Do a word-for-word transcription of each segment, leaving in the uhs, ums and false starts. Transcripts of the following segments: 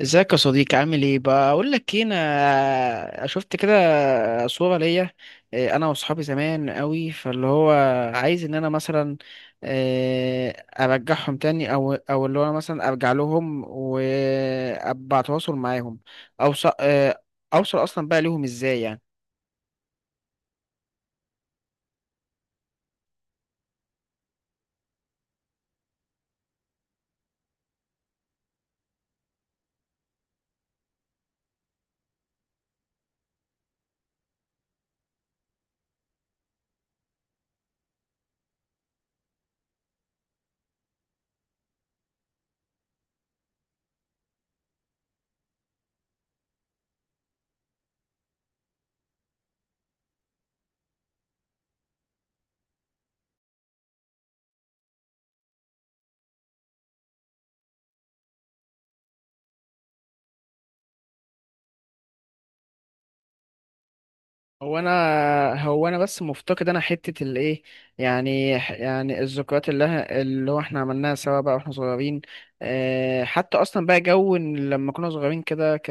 ازيك يا صديقي؟ عامل ايه؟ بقول لك ايه، انا شفت كده صورة ليا. إيه، انا واصحابي زمان قوي فاللي هو عايز ان انا مثلا، إيه، ارجعهم تاني او او اللي هو انا مثلا ارجع لهم وابقى اتواصل معاهم. اوصل اوصل اصلا بقى ليهم ازاي يعني؟ هو انا هو انا بس مفتقد انا حته الايه؟ يعني ح- يعني الذكريات اللي ه- اللي هو احنا عملناها سوا بقى واحنا صغيرين. آه، حتى اصلا بقى جو إن لما كنا صغيرين كده ك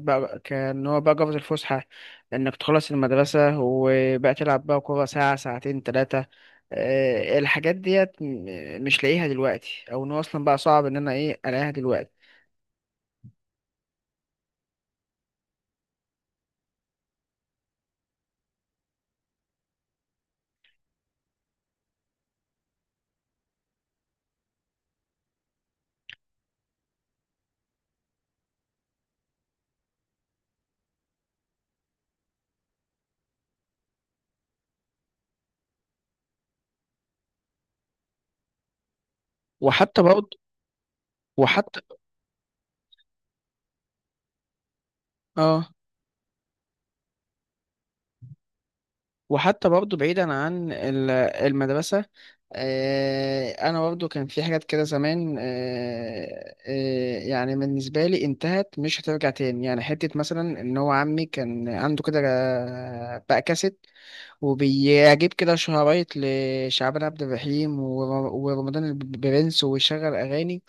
بقى كان هو بقى جوز الفسحه، انك تخلص المدرسه وبقى تلعب بقى كوره ساعه ساعتين ثلاثه. الحاجات ديت م- مش لاقيها دلوقتي، او ان هو اصلا بقى صعب ان انا ايه الاقيها دلوقتي. وحتى برضه وحتى اه وحتى برضه بعيدا عن ال- المدرسة. آه، أنا برضه كان في حاجات كده زمان، آه، آه، يعني بالنسبة لي انتهت مش هترجع تاني، يعني حتة مثلا إن هو عمي كان عنده كده آه، بقى كاسيت، وبيجيب كده شرايط لشعبان عبد الرحيم ور- ورمضان البرنس ويشغل أغاني.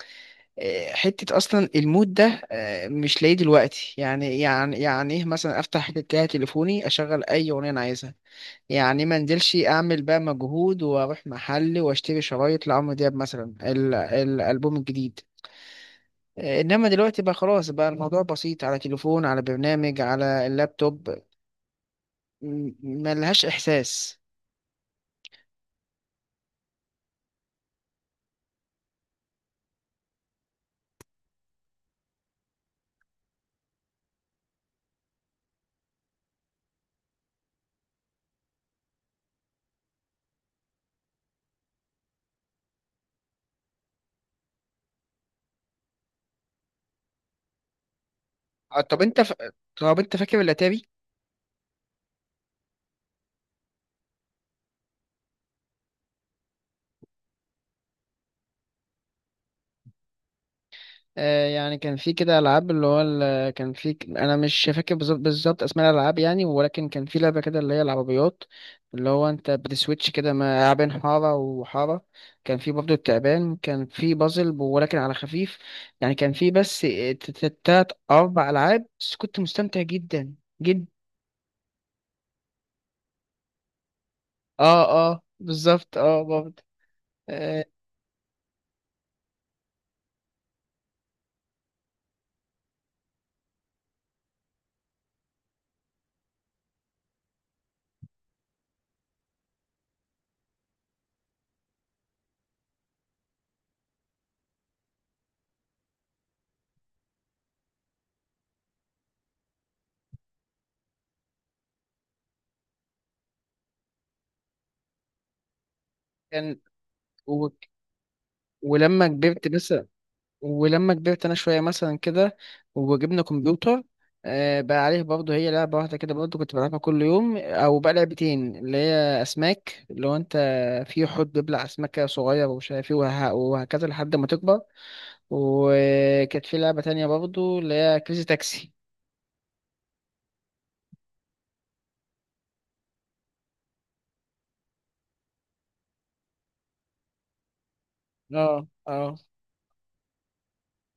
آه، حتة أصلا المود ده آه، مش لاقيه دلوقتي، يعني يعني يعني إيه مثلا أفتح كده تليفوني أشغل أي أغنية أنا عايزها. يعني ما انزلش اعمل بقى مجهود واروح محل واشتري شرايط لعمرو دياب مثلا ال- الالبوم الجديد. انما دلوقتي بقى خلاص، بقى الموضوع بسيط على تليفون، على برنامج، على اللابتوب. م- ملهاش احساس. آه، طب انت ف... طب انت فاكر الاتاري؟ آه، يعني كان في كده العاب اللي هو ال- كان في ك- انا مش فاكر بالظبط بالظبط اسماء الالعاب يعني، ولكن كان في لعبه كده اللي هي العربيات، اللي هو انت بتسويتش كده ما بين حاره وحاره. كان في برضه التعبان، كان في بازل ولكن على خفيف. يعني كان في بس ت- ت- تلات اربع العاب، بس كنت مستمتع جدا جدا. اه، اه، بالظبط، اه، برضه. آه، كان و... ولما كبرت بس ولما كبرت انا شويه مثلا كده، وجبنا كمبيوتر. آه، بقى عليه برضه هي لعبه واحده كده برضه كنت بلعبها كل يوم، او بقى لعبتين اللي هي اسماك، اللي هو انت في حوت بيبلع اسماك كده صغير ومش عارف ايه وه- وهكذا لحد ما تكبر. وكانت في لعبه تانية برضه اللي هي كريزي تاكسي. اه، اه،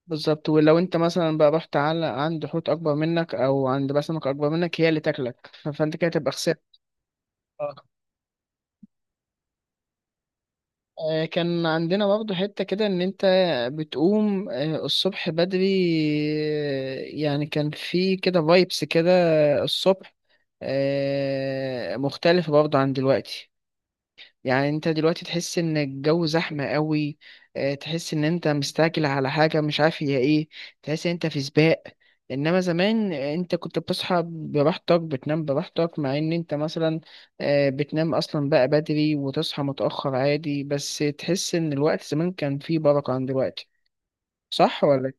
بالظبط. ولو انت مثلا بقى رحت على عند حوت اكبر منك او عند بقى سمك اكبر منك، هي اللي تاكلك ف- فانت كده تبقى خسرت. آه، كان عندنا برضه حتة كده إن أنت بتقوم آه، الصبح بدري. آه، يعني كان في كده فايبس كده الصبح، آه، مختلفة برضه عن دلوقتي. يعني انت دلوقتي تحس ان الجو زحمة قوي. اه، تحس ان انت مستعجل على حاجة مش عارف هي ايه. تحس ان انت في سباق. انما زمان انت كنت بتصحى براحتك، بتنام براحتك، مع ان انت مثلا اه، بتنام اصلا بقى بدري وتصحى متأخر عادي، بس تحس ان الوقت زمان كان فيه بركة عن دلوقتي. صح ولا؟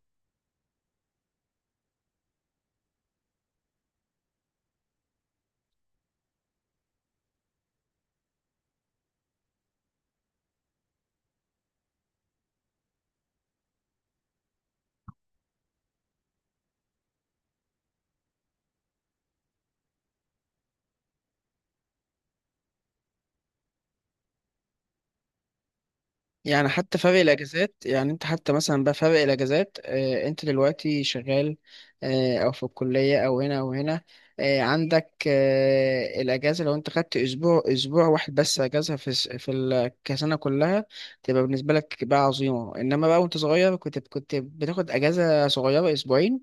يعني حتى فرق الاجازات، يعني انت حتى مثلا بقى فرق الاجازات، اه انت دلوقتي شغال اه او في الكليه او هنا او هنا. اه عندك اه الاجازه، لو انت خدت اسبوع اسبوع واحد بس اجازه في الس- في ال- كسنه كلها، تبقى بالنسبه لك بقى عظيمه. انما بقى وانت صغير كنت كنت بتاخد اجازه صغيره اسبوعين،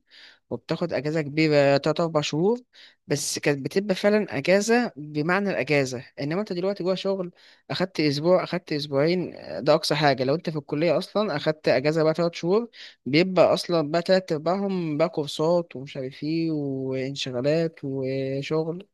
وبتاخد اجازه كبيره تلات اربع شهور. بس كانت بتبقى فعلا اجازه بمعنى الاجازه، انما انت دلوقتي جوه شغل، اخدت اسبوع، اخدت اسبوعين، آه، ده اقصى حاجه. لو انت في الكليه اصلا اخدت اجازه بقى تلات شهور، بيبقى اصلا بقى تلات ارباعهم بقى كورسات ومش عارف ايه وانشغالات وشغل.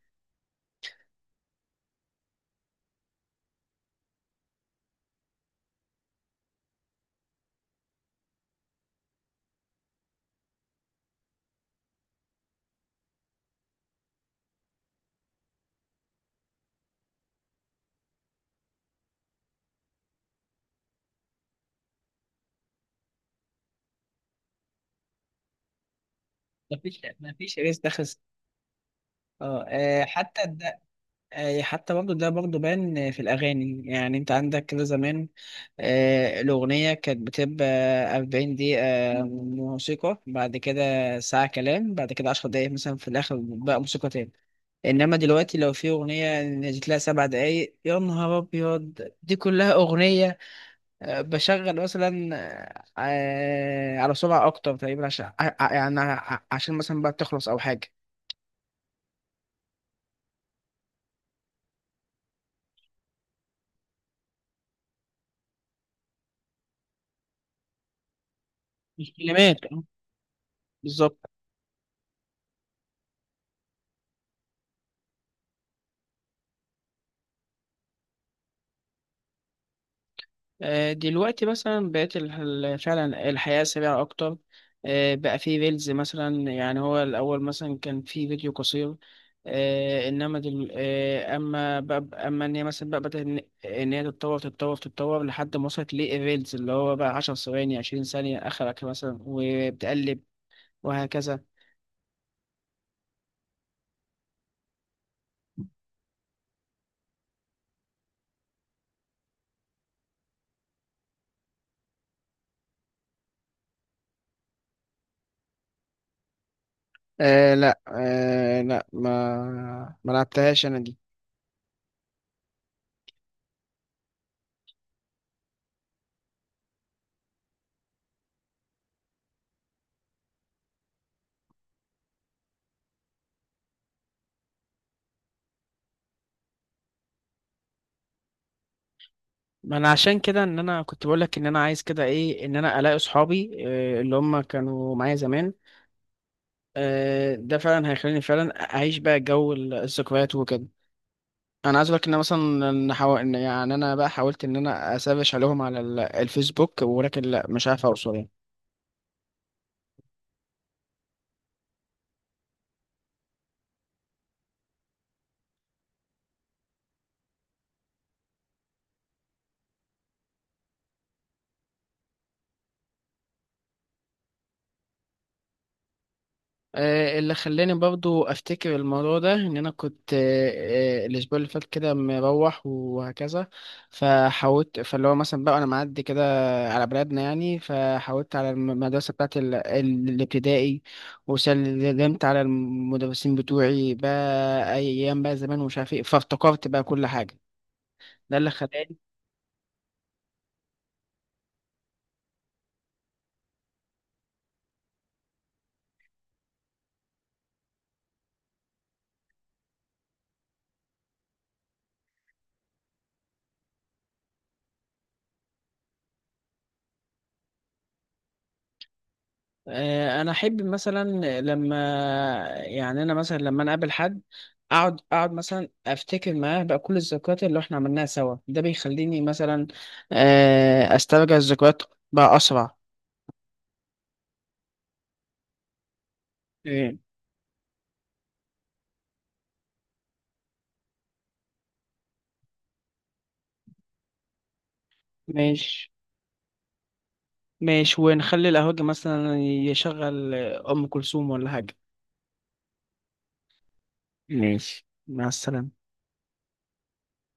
مفيش مفيش ريس دخل. اه. آه، حتى آه، حتى برضه ده برضه بان في الأغاني. يعني أنت عندك كده زمان، آه، الأغنية كانت بتبقى أربعين دقيقة موسيقى، بعد كده ساعة كلام، بعد كده عشر دقايق مثلا في الآخر بقى موسيقى تاني. إنما دلوقتي لو في أغنية نزلت لها سبع دقايق، يا نهار أبيض، دي كلها أغنية. آه، بشغل مثلا آه، على سرعة أكتر تقريبا، عشان ع- ع- يعني ع- عشان مثلا بقى تخلص أو حاجة. الكلمات، آه، بالظبط. آه، دلوقتي مثلا بقت ال- ال- فعلا الحياة سريعة أكتر. آه، بقى في ريلز مثلا، يعني هو الأول مثلا كان في فيديو قصير. آه، إنما دل... آه، أما بقى أما إن هي مثلا بقى بدأت إن إن هي تتطور تتطور تتطور لحد ما وصلت للريلز، اللي هو بقى عشر ثواني عشرين ثانية آخرك مثلا وبتقلب وهكذا. آه لا، آه لا، ما ما لعبتهاش أنا. ما انا عشان كده ان انا كنت بقول لك، ان انا عايز كده ايه، ان انا الاقي اصحابي آه، اللي هم كانوا معايا زمان. آه، ده فعلا هيخليني فعلا اعيش بقى جو ال- الذكريات وكده. انا عايز اقول لك ان أنا مثلا إن حاو... إن يعني انا بقى حاولت ان انا اسافش عليهم على ال- الفيسبوك، ولكن لا مش عارف اوصل يعني. آه، اللي خلاني برضو افتكر الموضوع ده ان انا كنت، آه، آه، الاسبوع اللي فات كده مروح وهكذا، فحاولت، فاللي هو مثلا بقى انا معدي كده على بلدنا يعني، فحاولت على الم- المدرسه بتاعت ال- ال- الابتدائي، وسلمت على المدرسين بتوعي بقى ايام بقى زمان ومش عارف ايه، فافتكرت بقى كل حاجه. ده اللي خلاني. آه، انا احب مثلا، لما يعني انا مثلا لما انا اقابل حد، اقعد اقعد مثلا افتكر معاه بقى كل الذكريات اللي احنا عملناها سوا، ده بيخليني مثلا آه، استرجع الذكريات بقى اسرع. آه، ماشي. ماشي، ونخلي القهوجي مثلا يشغل ام كلثوم ولا حاجه. ماشي، مع السلامه.